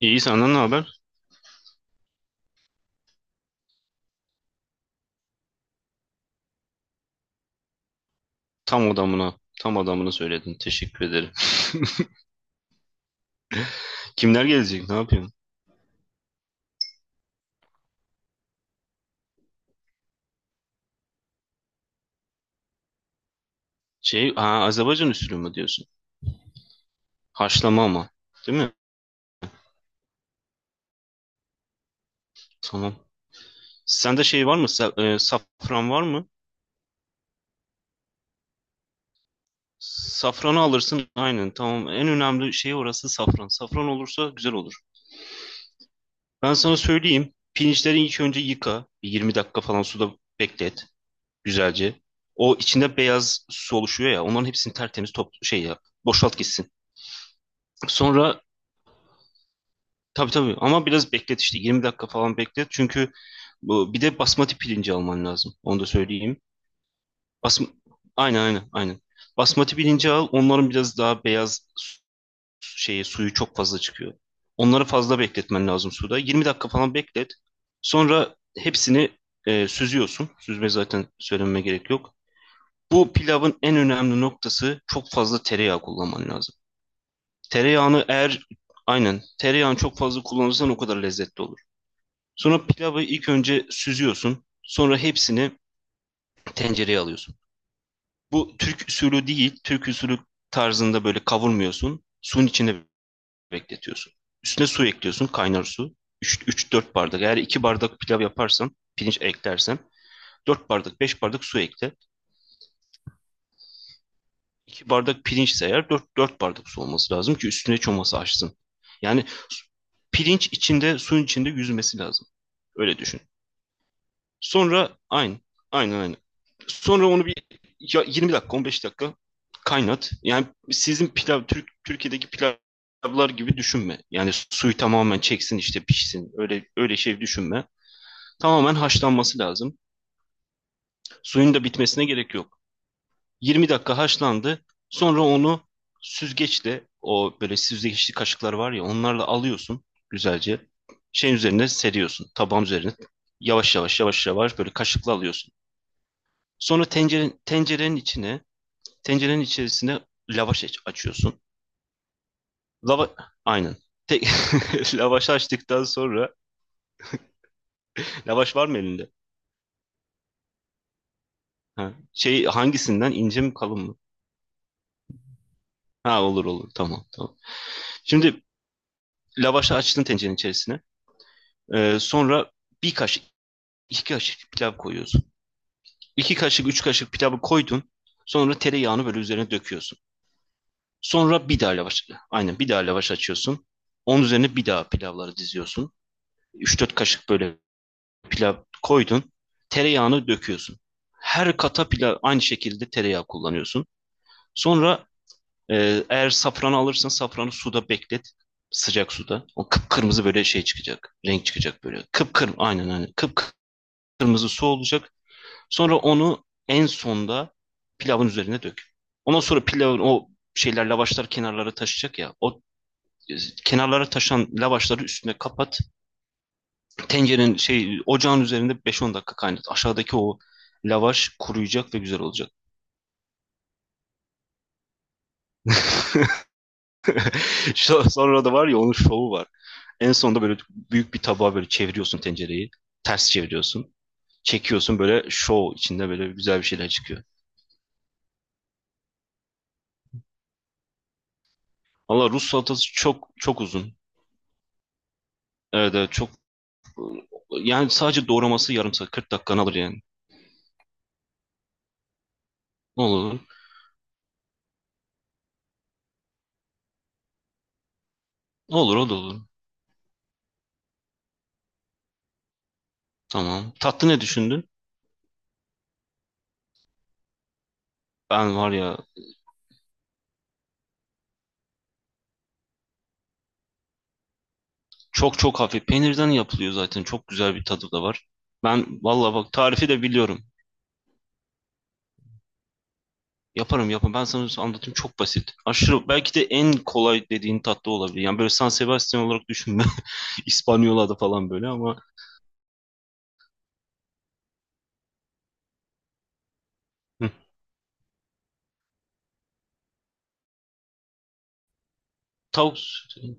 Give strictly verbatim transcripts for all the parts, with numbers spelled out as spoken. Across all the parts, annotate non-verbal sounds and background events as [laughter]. İyi senden ne haber? Tam adamına, tam adamını söyledin. Teşekkür ederim. [laughs] Kimler gelecek? Ne yapıyorsun? Şey, ha, Azerbaycan usulü mü diyorsun? Haşlama ama, değil mi? Tamam. Sende şey var mı? Sa- e, safran var mı? Safranı alırsın. Aynen, tamam. En önemli şey orası safran. Safran olursa güzel olur. Ben sana söyleyeyim. Pirinçleri ilk önce yıka. Bir yirmi dakika falan suda beklet. Güzelce. O içinde beyaz su oluşuyor ya. Onların hepsini tertemiz top şey yap. Boşalt gitsin. Sonra tabii tabii ama biraz beklet işte yirmi dakika falan beklet. Çünkü bu bir de basmati pirinci alman lazım. Onu da söyleyeyim. Basm aynen aynen aynen. Basmati pirinci al. Onların biraz daha beyaz su- şeyi suyu çok fazla çıkıyor. Onları fazla bekletmen lazım suda. yirmi dakika falan beklet. Sonra hepsini e, süzüyorsun. Süzme zaten söylememe gerek yok. Bu pilavın en önemli noktası çok fazla tereyağı kullanman lazım. Tereyağını eğer Aynen tereyağını çok fazla kullanırsan o kadar lezzetli olur. Sonra pilavı ilk önce süzüyorsun. Sonra hepsini tencereye alıyorsun. Bu Türk usulü değil. Türk usulü tarzında böyle kavurmuyorsun. Suyun içine bekletiyorsun. Üstüne su ekliyorsun. Kaynar su. Üç dört bardak. Eğer iki bardak pilav yaparsan, pirinç eklersen dört bardak, beş bardak su ekle. iki bardak pirinçse eğer dört dört bardak su olması lazım ki üstüne çoması açsın. Yani pirinç içinde, suyun içinde yüzmesi lazım. Öyle düşün. Sonra aynı. Aynen aynen. Sonra onu bir ya- yirmi dakika on beş dakika kaynat. Yani sizin pilav Türk Türkiye'deki pilavlar gibi düşünme. Yani suyu tamamen çeksin işte pişsin. Öyle öyle şey düşünme. Tamamen haşlanması lazım. Suyun da bitmesine gerek yok. yirmi dakika haşlandı. Sonra onu süzgeçle o böyle süzgeçli kaşıklar var ya onlarla alıyorsun güzelce. Şeyin üzerine seriyorsun. Tabağın üzerine yavaş yavaş yavaş yavaş böyle kaşıkla alıyorsun. Sonra tencerenin, tencerenin içine, tencerenin içerisine lavaş aç- açıyorsun. Lava, aynen. Te- [laughs] lavaş açtıktan sonra, lavaş var mı elinde? Ha, şey hangisinden ince mi kalın mı? Ha olur olur tamam tamam. Şimdi lavaşı açtın tencerenin içerisine. Ee, sonra bir kaşık, iki kaşık pilav koyuyorsun. İki kaşık, üç kaşık pilavı koydun. Sonra tereyağını böyle üzerine döküyorsun. Sonra bir daha lavaş, aynen bir daha lavaş açıyorsun. Onun üzerine bir daha pilavları diziyorsun. Üç dört kaşık böyle pilav koydun. Tereyağını döküyorsun. Her kata pilav aynı şekilde tereyağı kullanıyorsun. Sonra e, eğer safranı alırsan safranı suda beklet. Sıcak suda. O kıpkırmızı böyle şey çıkacak. Renk çıkacak böyle. Kıpkırmızı aynen aynen. Kıpkırmızı su olacak. Sonra onu en sonda pilavın üzerine dök. Ondan sonra pilavın o şeyler lavaşlar kenarlara taşacak ya. O e, Kenarlara taşan lavaşları üstüne kapat. Tencerenin şey Ocağın üzerinde beş on dakika kaynat. Aşağıdaki o lavaş kuruyacak ve güzel olacak. [laughs] Şu- Sonra da var ya onun şovu var. En sonunda böyle büyük bir tabağa böyle çeviriyorsun tencereyi. Ters çeviriyorsun. Çekiyorsun böyle şov içinde böyle güzel bir şeyler çıkıyor. Valla Rus salatası çok çok uzun. Evet, evet çok yani sadece doğraması yarım saat kırk dakikanı alır yani. Ne olur? Ne olur o da olur. Tamam. Tatlı ne düşündün? Ben var ya. Çok çok hafif. Peynirden yapılıyor zaten. Çok güzel bir tadı da var. Ben valla bak tarifi de biliyorum. Yaparım yaparım. Ben sana anlatayım çok basit. Aşırı belki de en kolay dediğin tatlı olabilir. Yani böyle San Sebastian olarak düşünme. [laughs] İspanyola'da falan böyle ama. Hı. Tavuk sote.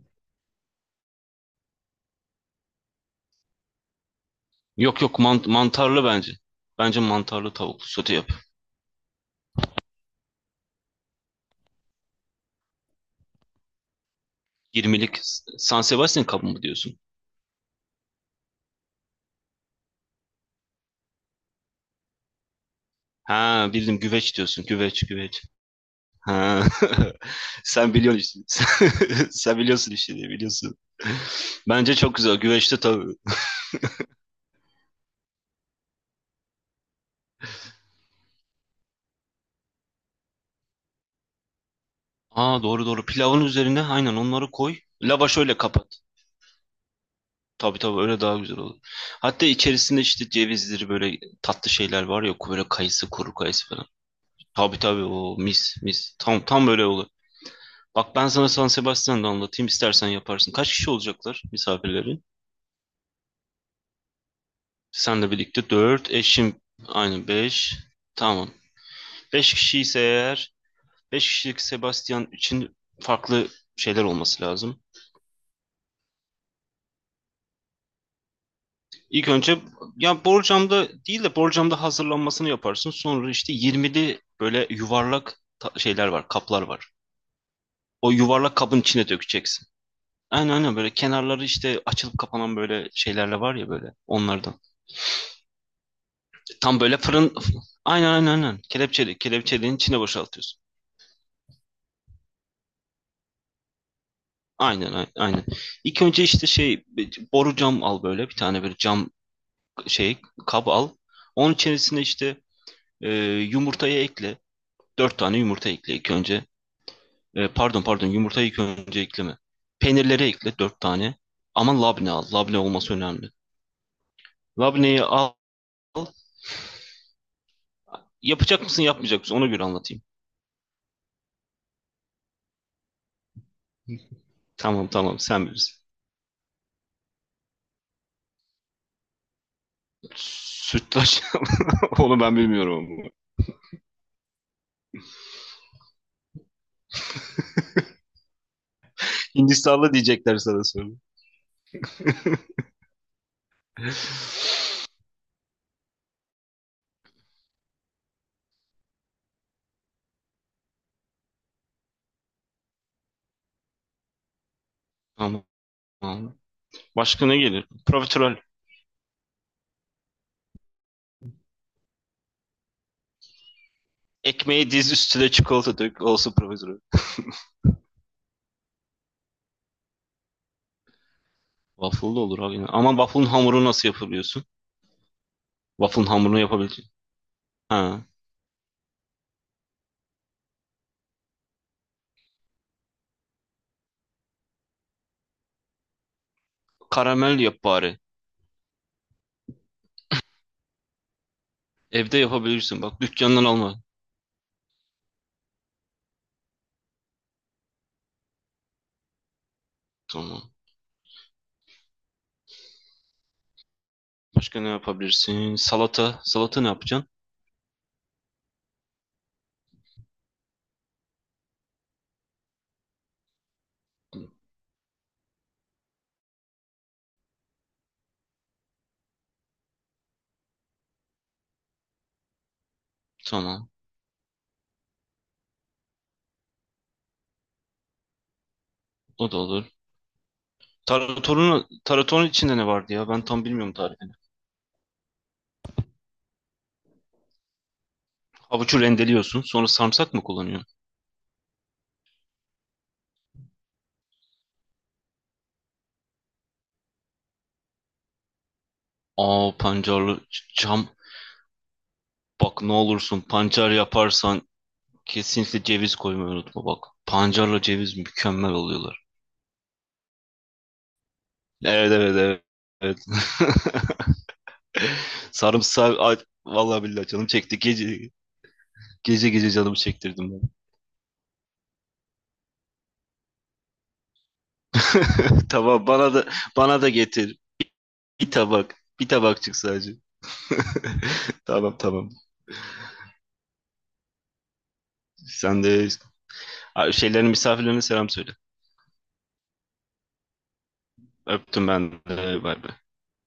Yok yok mant- mantarlı bence. Bence mantarlı tavuklu sote yap. yirmilik San Sebastian kabı mı diyorsun? Ha bildim güveç diyorsun. Güveç güveç. Ha. [laughs] Sen biliyorsun işte. [laughs] Sen biliyorsun işte diye biliyorsun. Bence çok güzel. Güveçte tabii. Aa doğru doğru. Pilavın üzerine aynen onları koy. Lavaş öyle kapat. Tabii tabii öyle daha güzel olur. Hatta içerisinde işte cevizleri böyle tatlı şeyler var ya böyle kayısı kuru kayısı falan. Tabii tabii o mis mis. Tam tam böyle olur. Bak ben sana San Sebastian'da anlatayım istersen yaparsın. Kaç kişi olacaklar misafirlerin? Senle birlikte dört, eşim aynı beş. Tamam. beş kişi ise eğer beş kişilik Sebastian için farklı şeyler olması lazım. İlk önce ya borcamda değil de borcamda hazırlanmasını yaparsın. Sonra işte yirmili böyle yuvarlak ta- şeyler var, kaplar var. O yuvarlak kabın içine dökeceksin. Aynen aynen böyle kenarları işte açılıp kapanan böyle şeylerle var ya böyle onlardan. Tam böyle fırın aynen aynen aynen kelepçeli kelepçeliğin içine boşaltıyorsun. Aynen aynen. Aynen. İlk önce işte şey boru cam al böyle bir tane böyle cam şey kap al. Onun içerisine işte e, yumurtayı ekle. Dört tane yumurta ekle ilk önce. E, pardon pardon yumurtayı ilk önce ekleme. Peynirleri ekle dört tane. Ama labne al. Labne olması önemli. Labneyi al. Yapacak mısın yapmayacak mısın ona göre anlatayım. Tamam tamam sen bilirsin. Sütlaç. [laughs] Onu ben bilmiyorum. Ama. Hindistanlı diyecekler sana sonra. Tamam. Başka ne gelir? Profiterol. Ekmeği diz üstüne çikolata dök. Olsun profiterol. Waffle da olur abi. Yine. Ama waffle'ın hamuru nasıl yapabiliyorsun? Waffle'ın hamurunu yapabilirsin. Ha. Karamel yap bari. Evde yapabilirsin. Bak dükkandan alma. Tamam. Başka ne yapabilirsin? Salata. Salata ne yapacaksın? Tamam. O da olur. Taratorun, taratorun içinde ne vardı ya? Ben tam bilmiyorum tarifini. Havucu rendeliyorsun. Sonra sarımsak mı kullanıyorsun? Aa pancarlı ç- cam. Bak ne olursun pancar yaparsan kesinlikle ceviz koymayı unutma bak. Pancarla ceviz mükemmel oluyorlar. Evet evet evet. Evet. [laughs] [laughs] Sarımsağı ay, vallahi billahi canım çekti. Gece gece gece canımı çektirdim ben. [laughs] Tamam bana da bana da getir. Bir tabak. Bir tabakçık sadece. [laughs] Tamam tamam. Sen de. Ha, şeylerin misafirlerine selam söyle. Öptüm ben de. Bay bay.